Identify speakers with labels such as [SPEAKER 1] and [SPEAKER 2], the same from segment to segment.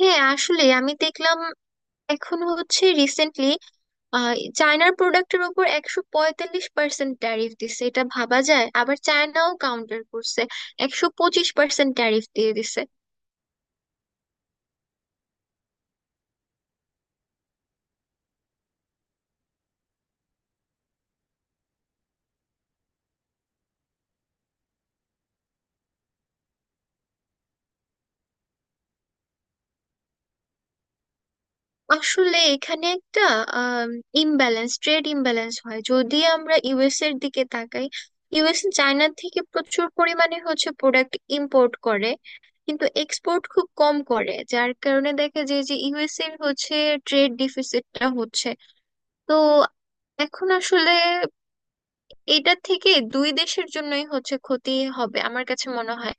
[SPEAKER 1] হ্যাঁ, আসলে আমি দেখলাম এখন হচ্ছে রিসেন্টলি চায়নার প্রোডাক্টের উপর 145% ট্যারিফ দিছে, এটা ভাবা যায়? আবার চায়নাও কাউন্টার করছে, 125% ট্যারিফ দিয়ে দিছে। আসলে এখানে একটা ইমব্যালেন্স, ট্রেড ইমব্যালেন্স হয় যদি আমরা ইউএস এর দিকে তাকাই। ইউএস চায়না থেকে প্রচুর পরিমাণে হচ্ছে প্রোডাক্ট ইম্পোর্ট করে, কিন্তু এক্সপোর্ট খুব কম করে, যার কারণে দেখা যায় যে ইউএস এর হচ্ছে ট্রেড ডিফিসিটটা হচ্ছে। তো এখন আসলে এটা থেকে দুই দেশের জন্যই হচ্ছে ক্ষতি হবে আমার কাছে মনে হয়।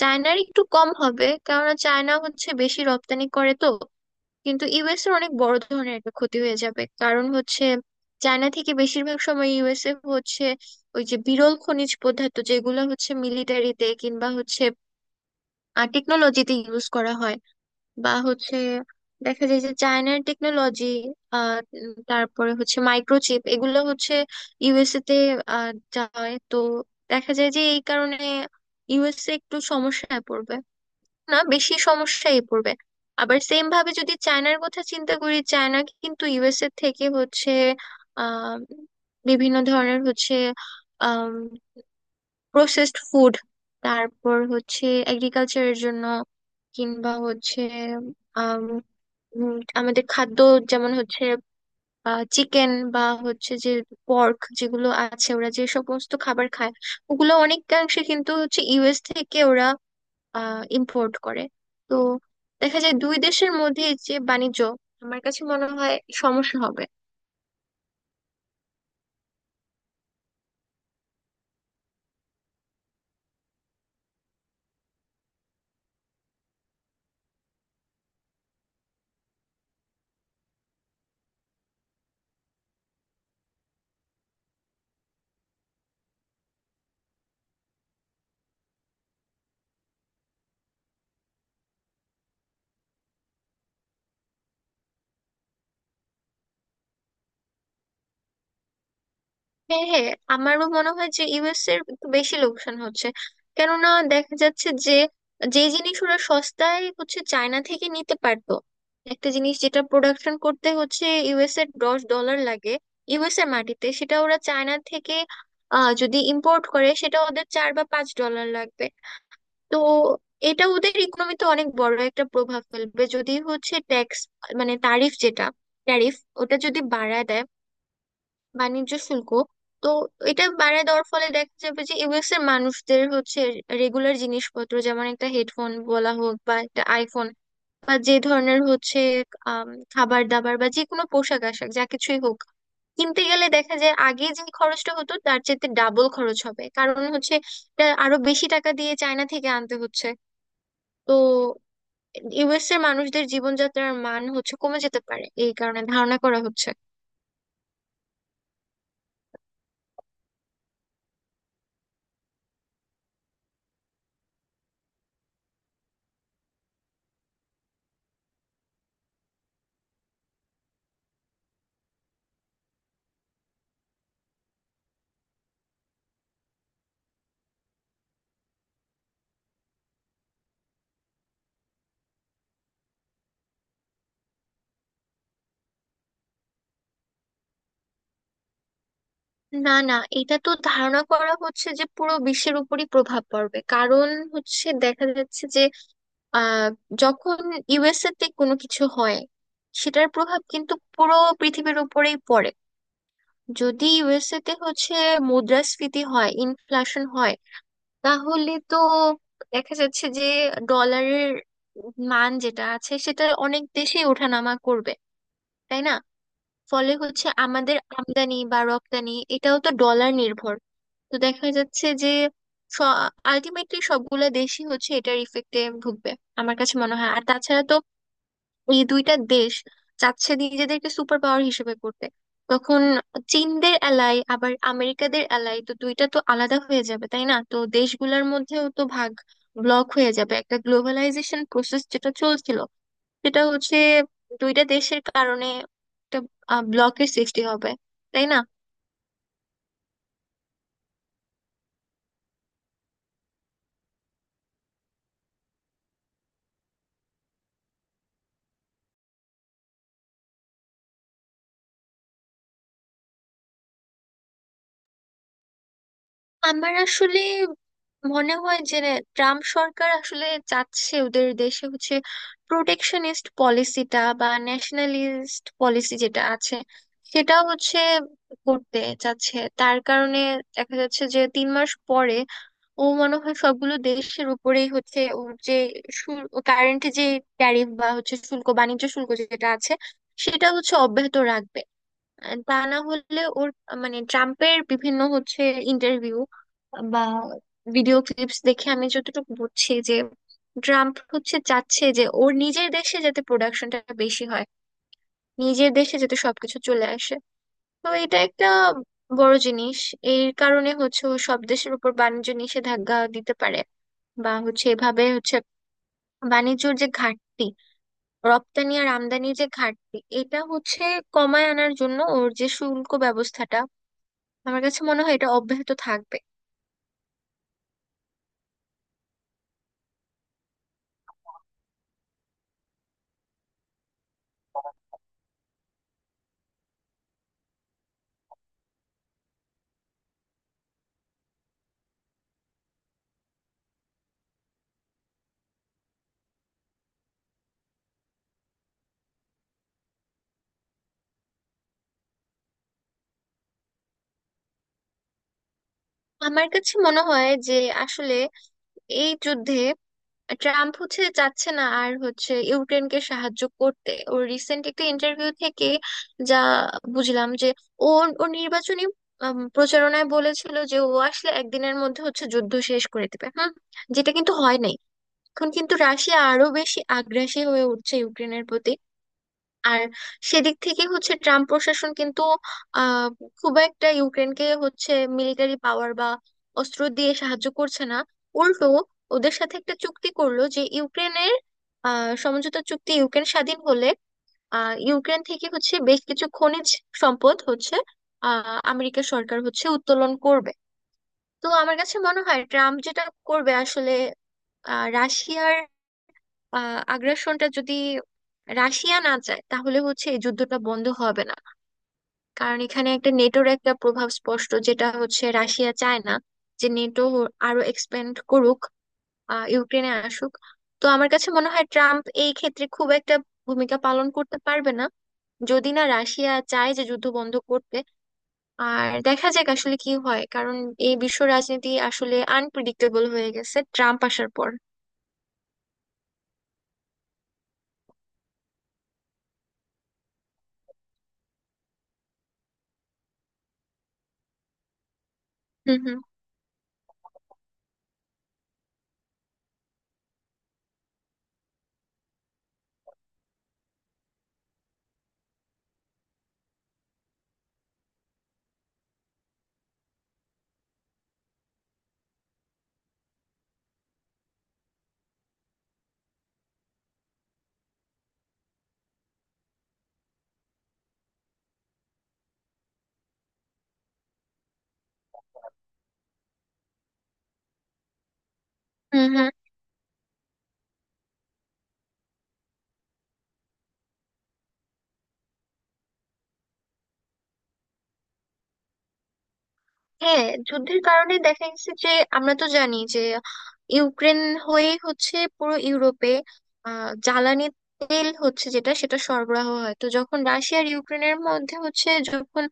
[SPEAKER 1] চায়নার একটু কম হবে কেননা চায়না হচ্ছে বেশি রপ্তানি করে তো। কিন্তু ইউএস এর অনেক বড় ধরনের একটা ক্ষতি হয়ে যাবে, কারণ হচ্ছে চায়না থেকে বেশিরভাগ সময় ইউএসএ হচ্ছে ওই যে বিরল খনিজ পদার্থ যেগুলো হচ্ছে মিলিটারিতে কিংবা হচ্ছে টেকনোলজিতে ইউজ করা হয়, বা হচ্ছে দেখা যায় যে চায়নার টেকনোলজি, তারপরে হচ্ছে মাইক্রোচিপ এগুলো হচ্ছে ইউএসএ তে আহ, যায় তো। দেখা যায় যে এই কারণে ইউএসএ একটু সমস্যায় পড়বে, না, বেশি সমস্যায় পড়বে। আবার সেম ভাবে যদি চায়নার কথা চিন্তা করি, চায়না কিন্তু ইউএসএ থেকে হচ্ছে আহ বিভিন্ন ধরনের হচ্ছে আহ প্রসেসড ফুড, তারপর হচ্ছে এগ্রিকালচারের জন্য, কিংবা হচ্ছে উম, আমাদের খাদ্য, যেমন হচ্ছে চিকেন বা হচ্ছে যে পর্ক, যেগুলো আছে ওরা যে সমস্ত খাবার খায়, ওগুলো অনেকাংশে কিন্তু হচ্ছে ইউএস থেকে ওরা ইম্পোর্ট করে। তো দেখা যায় দুই দেশের মধ্যে যে বাণিজ্য, আমার কাছে মনে হয় সমস্যা হবে। হ্যাঁ, হ্যাঁ, আমারও মনে হয় যে ইউএস এর একটু বেশি লোকসান হচ্ছে, কেননা দেখা যাচ্ছে যে যে জিনিস ওরা সস্তায় হচ্ছে চায়না থেকে নিতে পারতো, একটা জিনিস যেটা প্রোডাকশন করতে হচ্ছে ইউএস এর 10 ডলার লাগে ইউএস এর মাটিতে, সেটা ওরা চায়না থেকে যদি ইম্পোর্ট করে সেটা ওদের 4 বা 5 ডলার লাগবে। তো এটা ওদের ইকোনমিতে অনেক বড় একটা প্রভাব ফেলবে যদি হচ্ছে ট্যাক্স, মানে তারিফ যেটা ট্যারিফ, ওটা যদি বাড়ায় দেয়, বাণিজ্য শুল্ক। তো এটা বাড়ায় দেওয়ার ফলে দেখা যাবে যে ইউএস এর মানুষদের হচ্ছে রেগুলার জিনিসপত্র, যেমন একটা হেডফোন বলা হোক বা একটা আইফোন, বা যে ধরনের হচ্ছে আম, খাবার দাবার বা যে কোনো পোশাক আশাক যা কিছুই হোক, কিনতে গেলে দেখা যায় আগে যে খরচটা হতো তার চেয়ে ডাবল খরচ হবে, কারণ হচ্ছে এটা আরো বেশি টাকা দিয়ে চায়না থেকে আনতে হচ্ছে। তো ইউএস এর মানুষদের জীবনযাত্রার মান হচ্ছে কমে যেতে পারে এই কারণে ধারণা করা হচ্ছে। না না, এটা তো ধারণা করা হচ্ছে যে পুরো বিশ্বের উপরই প্রভাব পড়বে, কারণ হচ্ছে দেখা যাচ্ছে যে আহ যখন ইউএসএ তে কোনো কিছু হয়, সেটার প্রভাব কিন্তু পুরো পৃথিবীর উপরেই পড়ে। যদি ইউএসএ তে হচ্ছে মুদ্রাস্ফীতি হয়, ইনফ্লেশন হয়, তাহলে তো দেখা যাচ্ছে যে ডলারের মান যেটা আছে সেটা অনেক দেশেই ওঠানামা করবে, তাই না? ফলে হচ্ছে আমাদের আমদানি বা রপ্তানি এটাও তো ডলার নির্ভর। তো দেখা যাচ্ছে যে আলটিমেটলি সবগুলা দেশই হচ্ছে এটার ইফেক্টে ভুগবে আমার কাছে মনে হয়। আর তাছাড়া তো এই দুইটা দেশ চাচ্ছে নিজেদেরকে সুপার পাওয়ার হিসেবে করতে, তখন চীনদের অ্যালাই আবার আমেরিকাদের অ্যালাই তো দুইটা তো আলাদা হয়ে যাবে তাই না, তো দেশগুলোর মধ্যেও তো ভাগ, ব্লক হয়ে যাবে। একটা গ্লোবালাইজেশন প্রসেস যেটা চলছিল, সেটা হচ্ছে দুইটা দেশের কারণে একটা ব্লকের সৃষ্টি হবে, তাই না? আমার আসলে মনে হয় যে ট্রাম্প সরকার আসলে চাচ্ছে ওদের দেশে হচ্ছে প্রোটেকশনিস্ট পলিসিটা বা ন্যাশনালিস্ট পলিসি যেটা আছে সেটা হচ্ছে করতে চাচ্ছে। তার কারণে দেখা যাচ্ছে যে 3 মাস পরে ও মনে হয় সবগুলো দেশের উপরেই হচ্ছে ওর যে কারেন্ট যে ট্যারিফ বা হচ্ছে শুল্ক, বাণিজ্য শুল্ক যেটা আছে সেটা হচ্ছে অব্যাহত রাখবে। তা না হলে ওর মানে ট্রাম্পের বিভিন্ন হচ্ছে ইন্টারভিউ বা ভিডিও ক্লিপস দেখে আমি যতটুকু বুঝছি যে ট্রাম্প হচ্ছে চাচ্ছে যে ওর নিজের দেশে যাতে প্রোডাকশনটা বেশি হয়, নিজের দেশে যাতে সবকিছু চলে আসে। তো এটা একটা বড় জিনিস। এর কারণে হচ্ছে ও সব দেশের উপর বাণিজ্য নিষেধাজ্ঞা দিতে পারে, বা হচ্ছে এভাবে হচ্ছে বাণিজ্যর যে ঘাটতি, রপ্তানি আর আমদানির যে ঘাটতি এটা হচ্ছে কমায় আনার জন্য ওর যে শুল্ক ব্যবস্থাটা, আমার কাছে মনে হয় এটা অব্যাহত থাকবে। আমার কাছে মনে হয় যে আসলে এই যুদ্ধে ট্রাম্প হচ্ছে চাচ্ছে না আর হচ্ছে ইউক্রেনকে সাহায্য করতে। ও রিসেন্ট একটা ইন্টারভিউ থেকে যা বুঝলাম যে ও ও নির্বাচনী প্রচারণায় বলেছিল যে ও আসলে একদিনের মধ্যে হচ্ছে যুদ্ধ শেষ করে দেবে, হুম, যেটা কিন্তু হয় নাই। এখন কিন্তু রাশিয়া আরো বেশি আগ্রাসী হয়ে উঠছে ইউক্রেনের প্রতি। আর সেদিক থেকে হচ্ছে ট্রাম্প প্রশাসন কিন্তু আহ খুব একটা ইউক্রেনকে হচ্ছে মিলিটারি পাওয়ার বা অস্ত্র দিয়ে সাহায্য করছে না। উল্টো ওদের সাথে একটা চুক্তি করলো যে ইউক্রেনের সমঝোতা চুক্তি, ইউক্রেন স্বাধীন হলে ইউক্রেন থেকে হচ্ছে বেশ কিছু খনিজ সম্পদ হচ্ছে আমেরিকা সরকার হচ্ছে উত্তোলন করবে। তো আমার কাছে মনে হয় ট্রাম্প যেটা করবে আসলে, রাশিয়ার আগ্রাসনটা যদি রাশিয়া না চায় তাহলে হচ্ছে এই যুদ্ধটা বন্ধ হবে না। কারণ এখানে একটা নেটোর একটা প্রভাব স্পষ্ট, যেটা হচ্ছে রাশিয়া চায় না যে নেটো আরো এক্সপ্যান্ড করুক, ইউক্রেনে আসুক। তো আমার কাছে মনে হয় ট্রাম্প এই ক্ষেত্রে খুব একটা ভূমিকা পালন করতে পারবে না, যদি না রাশিয়া চায় যে যুদ্ধ বন্ধ করতে। আর দেখা যাক আসলে কি হয়, কারণ এই বিশ্ব রাজনীতি আসলে আনপ্রেডিক্টেবল হয়ে গেছে ট্রাম্প আসার পর। হুম, হুম, হুম, হুম। হ্যাঁ, যুদ্ধের কারণে দেখা গেছে যে আমরা তো জানি যে ইউক্রেন হয়ে হচ্ছে পুরো ইউরোপে জ্বালানি তেল হচ্ছে যেটা সেটা সরবরাহ হয়। তো যখন রাশিয়া আর ইউক্রেনের মধ্যে হচ্ছে যখন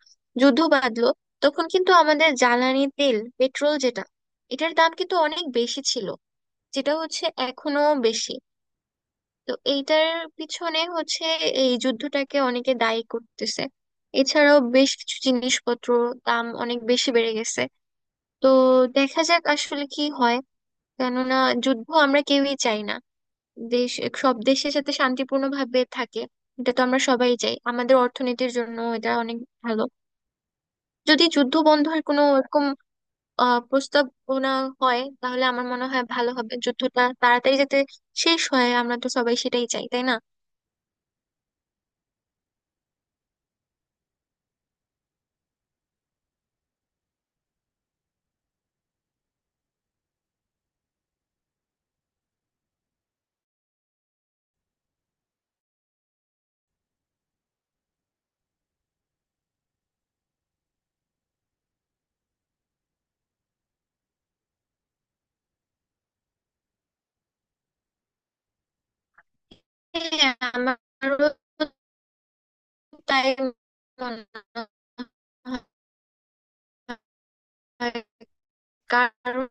[SPEAKER 1] যুদ্ধ বাঁধলো, তখন কিন্তু আমাদের জ্বালানি তেল পেট্রোল যেটা, এটার দাম কিন্তু অনেক বেশি ছিল, যেটা হচ্ছে এখনো বেশি। তো এইটার পিছনে হচ্ছে এই যুদ্ধটাকে অনেকে দায়ী করতেছে। এছাড়াও বেশ কিছু জিনিসপত্র দাম অনেক বেশি বেড়ে গেছে। তো দেখা যাক আসলে কি হয়, কেননা যুদ্ধ আমরা কেউই চাই না। দেশ, সব দেশের সাথে শান্তিপূর্ণ ভাবে থাকে, এটা তো আমরা সবাই চাই। আমাদের অর্থনীতির জন্য এটা অনেক ভালো যদি যুদ্ধ বন্ধের কোনো এরকম প্রস্তাবনা হয়, তাহলে আমার মনে হয় ভালো হবে, যুদ্ধটা তাড়াতাড়ি যাতে শেষ হয়, আমরা তো সবাই সেটাই চাই, তাই না? হ্যাঁ, আমারও তাই মনে হয়। কারণ